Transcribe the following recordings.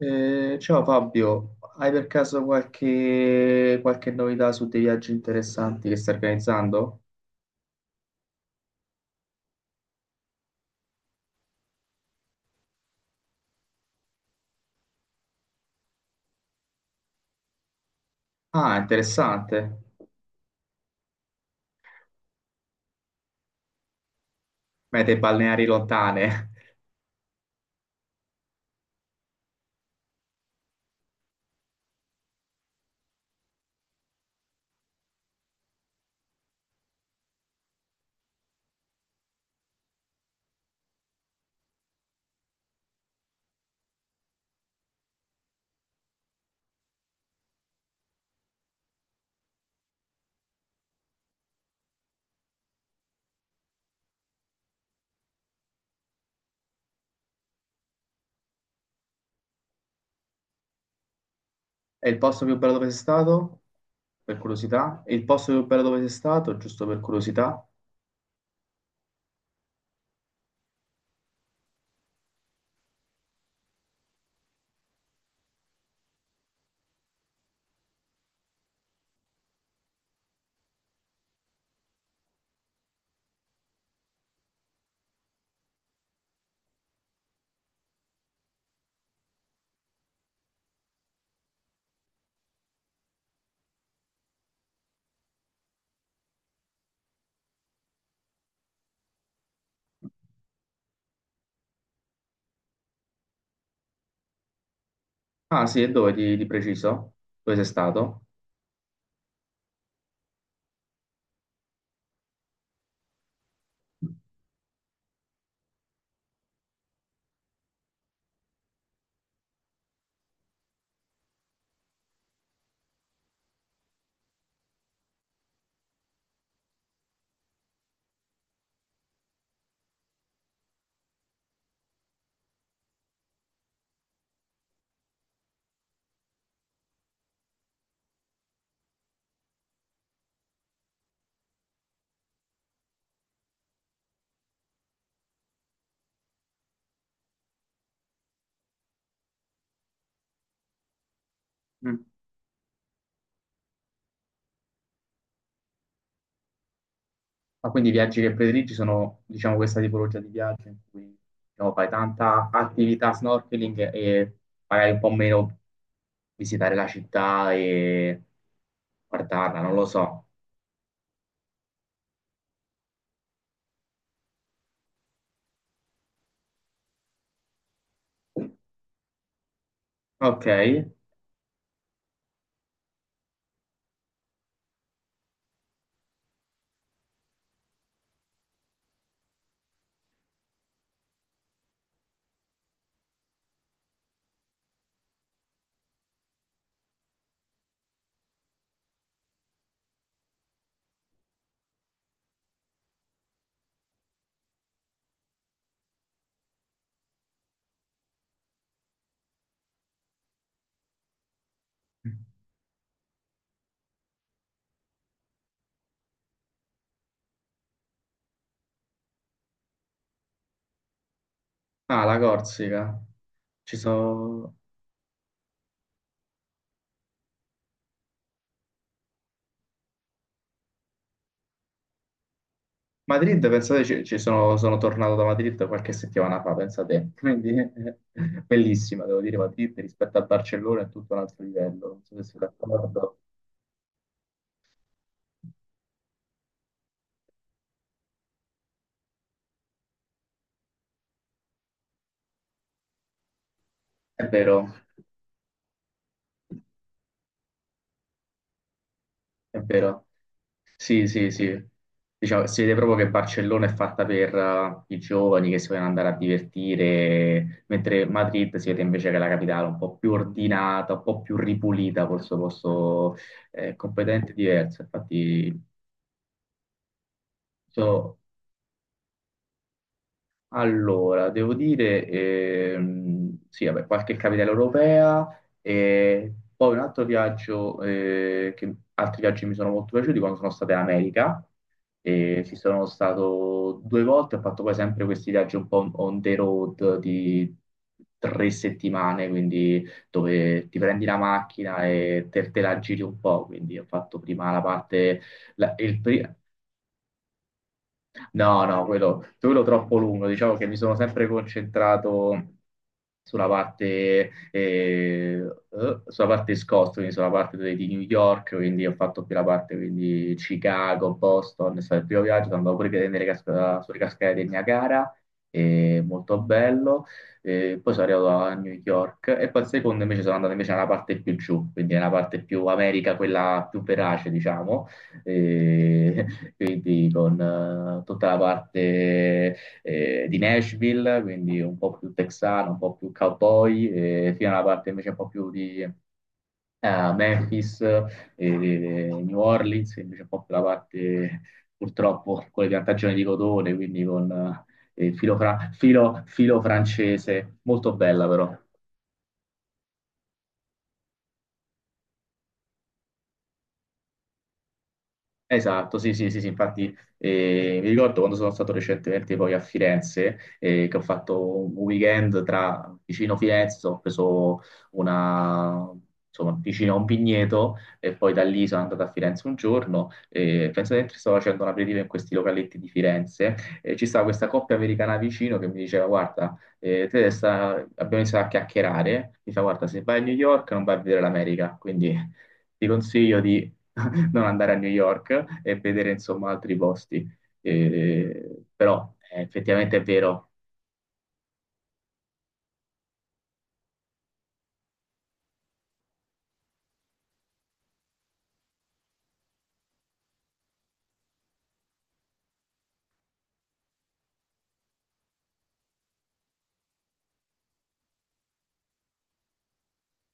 Ciao Fabio, hai per caso qualche novità su dei viaggi interessanti che stai organizzando? Ah, interessante. Mete balneari lontane. È il posto più bello dove sei stato? Per curiosità? È il posto più bello dove sei stato? Giusto per curiosità? Ah, sì, e dove di preciso? Dove sei stato? Mm. Ma quindi i viaggi che prediligi sono, diciamo, questa tipologia di viaggio in cui, diciamo, fai tanta attività snorkeling e magari un po' meno visitare la città e guardarla, non lo so. Ok, ah, la Corsica. Ci sono... Madrid, pensate, ci sono, sono tornato da Madrid qualche settimana fa, pensate. Quindi, bellissima, devo dire, Madrid rispetto a Barcellona è tutto un altro livello. Non so se siete d'accordo. È vero, è vero. Sì, sì, sì. Diciamo, si vede proprio che Barcellona è fatta per i giovani che si vogliono andare a divertire, mentre Madrid si vede invece che è la capitale un po' più ordinata, un po' più ripulita, col suo posto completamente diverso. Infatti, so Allora, devo dire, sì, vabbè, qualche capitale europea e poi un altro viaggio, altri viaggi mi sono molto piaciuti quando sono stato in America, e ci sono stato due volte, ho fatto poi sempre questi viaggi un po' on the road di tre settimane, quindi dove ti prendi la macchina e te la giri un po', quindi ho fatto prima la parte... La- il pri- No, no, quello troppo lungo. Diciamo che mi sono sempre concentrato sulla parte Scott, quindi sulla parte di New York, quindi ho fatto più la parte quindi Chicago, Boston, è stato il primo viaggio, sono andato pure a vedere sulle cascate del Niagara, molto bello. Poi sono arrivato a New York e poi il secondo invece sono andato invece nella parte più giù, quindi nella parte più America, quella più verace, diciamo. Eh, quindi con tutta la parte di Nashville, quindi un po' più texano, un po' più cowboy, e fino alla parte invece un po' più di Memphis e New Orleans, invece un po' più la parte purtroppo con le piantagioni di cotone, quindi con filo francese, molto bella però. Esatto, sì, sì, sì, sì, infatti mi ricordo quando sono stato recentemente poi a Firenze, che ho fatto un weekend tra vicino Firenze, ho preso una, insomma, vicino a un vigneto e poi da lì sono andato a Firenze un giorno e penso che stavo facendo un aperitivo in questi localetti di Firenze e ci stava questa coppia americana vicino che mi diceva guarda, abbiamo iniziato a chiacchierare, mi fa guarda se vai a New York non vai a vedere l'America, quindi ti consiglio di non andare a New York e vedere insomma altri posti. Però effettivamente è vero.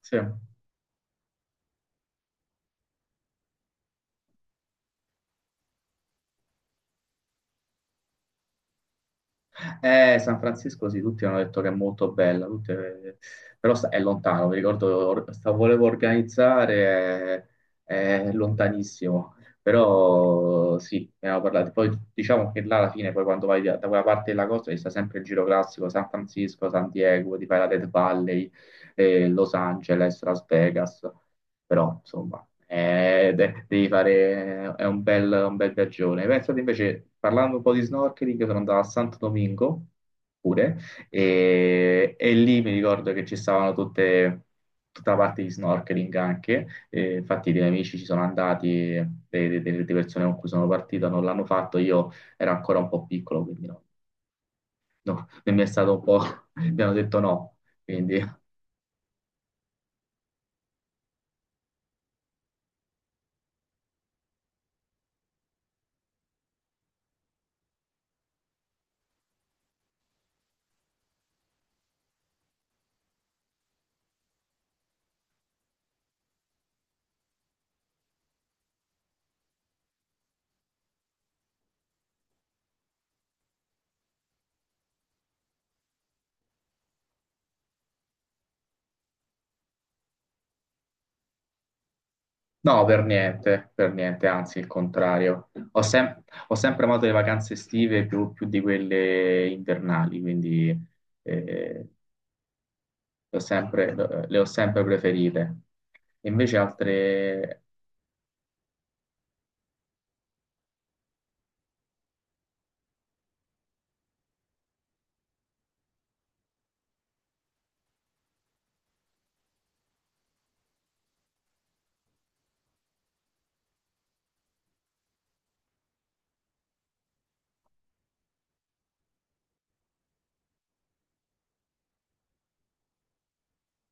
Sì. San Francisco, sì, tutti hanno detto che è molto bella, è lontano. Mi ricordo, or- sta- Volevo organizzare, è lontanissimo. Però sì, ne avevo parlato. Poi diciamo che là alla fine, poi quando vai da quella parte della costa, ci sta sempre il giro classico, San Francisco, San Diego, ti fai la Death Valley, Los Angeles, Las Vegas, però insomma devi fare, è un bel viaggione. Pensate invece, parlando un po' di snorkeling, sono andato a Santo Domingo pure e lì mi ricordo che ci stavano tutta la parte di snorkeling anche, e infatti dei miei amici ci sono andati, e de- de- de persone con cui sono partito non l'hanno fatto, io ero ancora un po' piccolo, quindi no, no, non mi è stato un po', mi hanno detto no, quindi No, per niente, anzi il contrario. Ho sempre amato le vacanze estive più di quelle invernali, quindi eh, le ho sempre, le ho sempre preferite. Invece altre...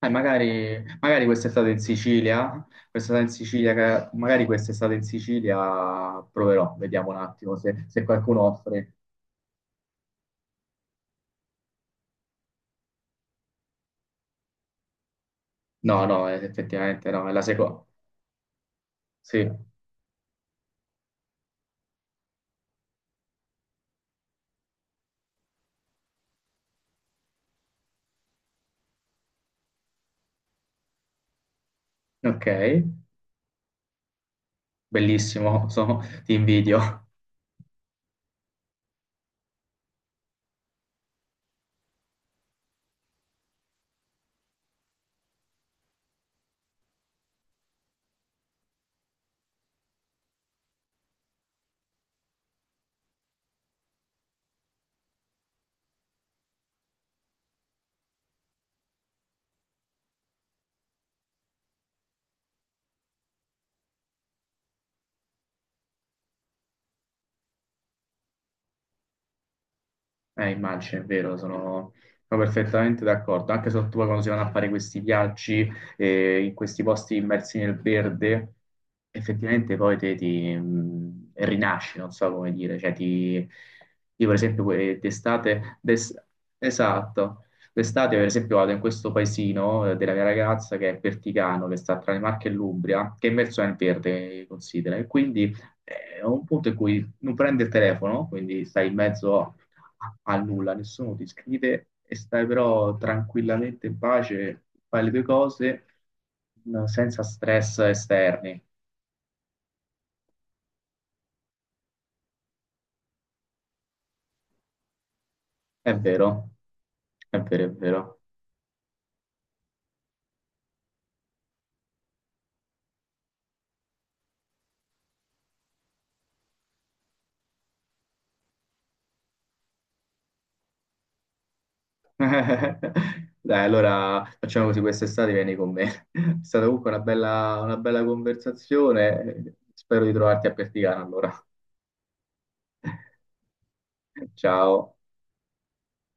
magari quest'estate in Sicilia, magari quest'estate in Sicilia proverò, vediamo un attimo se, se qualcuno offre. No, no, effettivamente no, è la seconda. Sì, ok, bellissimo, sono- ti invidio. Immagino, è vero, sono, sono perfettamente d'accordo. Anche soprattutto poi quando si vanno a fare questi viaggi in questi posti immersi nel verde, effettivamente poi te ti rinasci, non so come dire. Cioè, ti, io per esempio esatto, d'estate per esempio vado in questo paesino della mia ragazza che è Perticano, che sta tra le Marche e l'Umbria, che è immerso nel verde, considera, e quindi è un punto in cui non prendi il telefono, quindi stai in mezzo al nulla, nessuno ti scrive e stai però tranquillamente in pace, fai le tue cose senza stress esterni. È vero, è vero, è vero. Dai, allora facciamo così quest'estate, vieni con me. È stata comunque una bella conversazione. Spero di trovarti a Perticana allora. Ciao.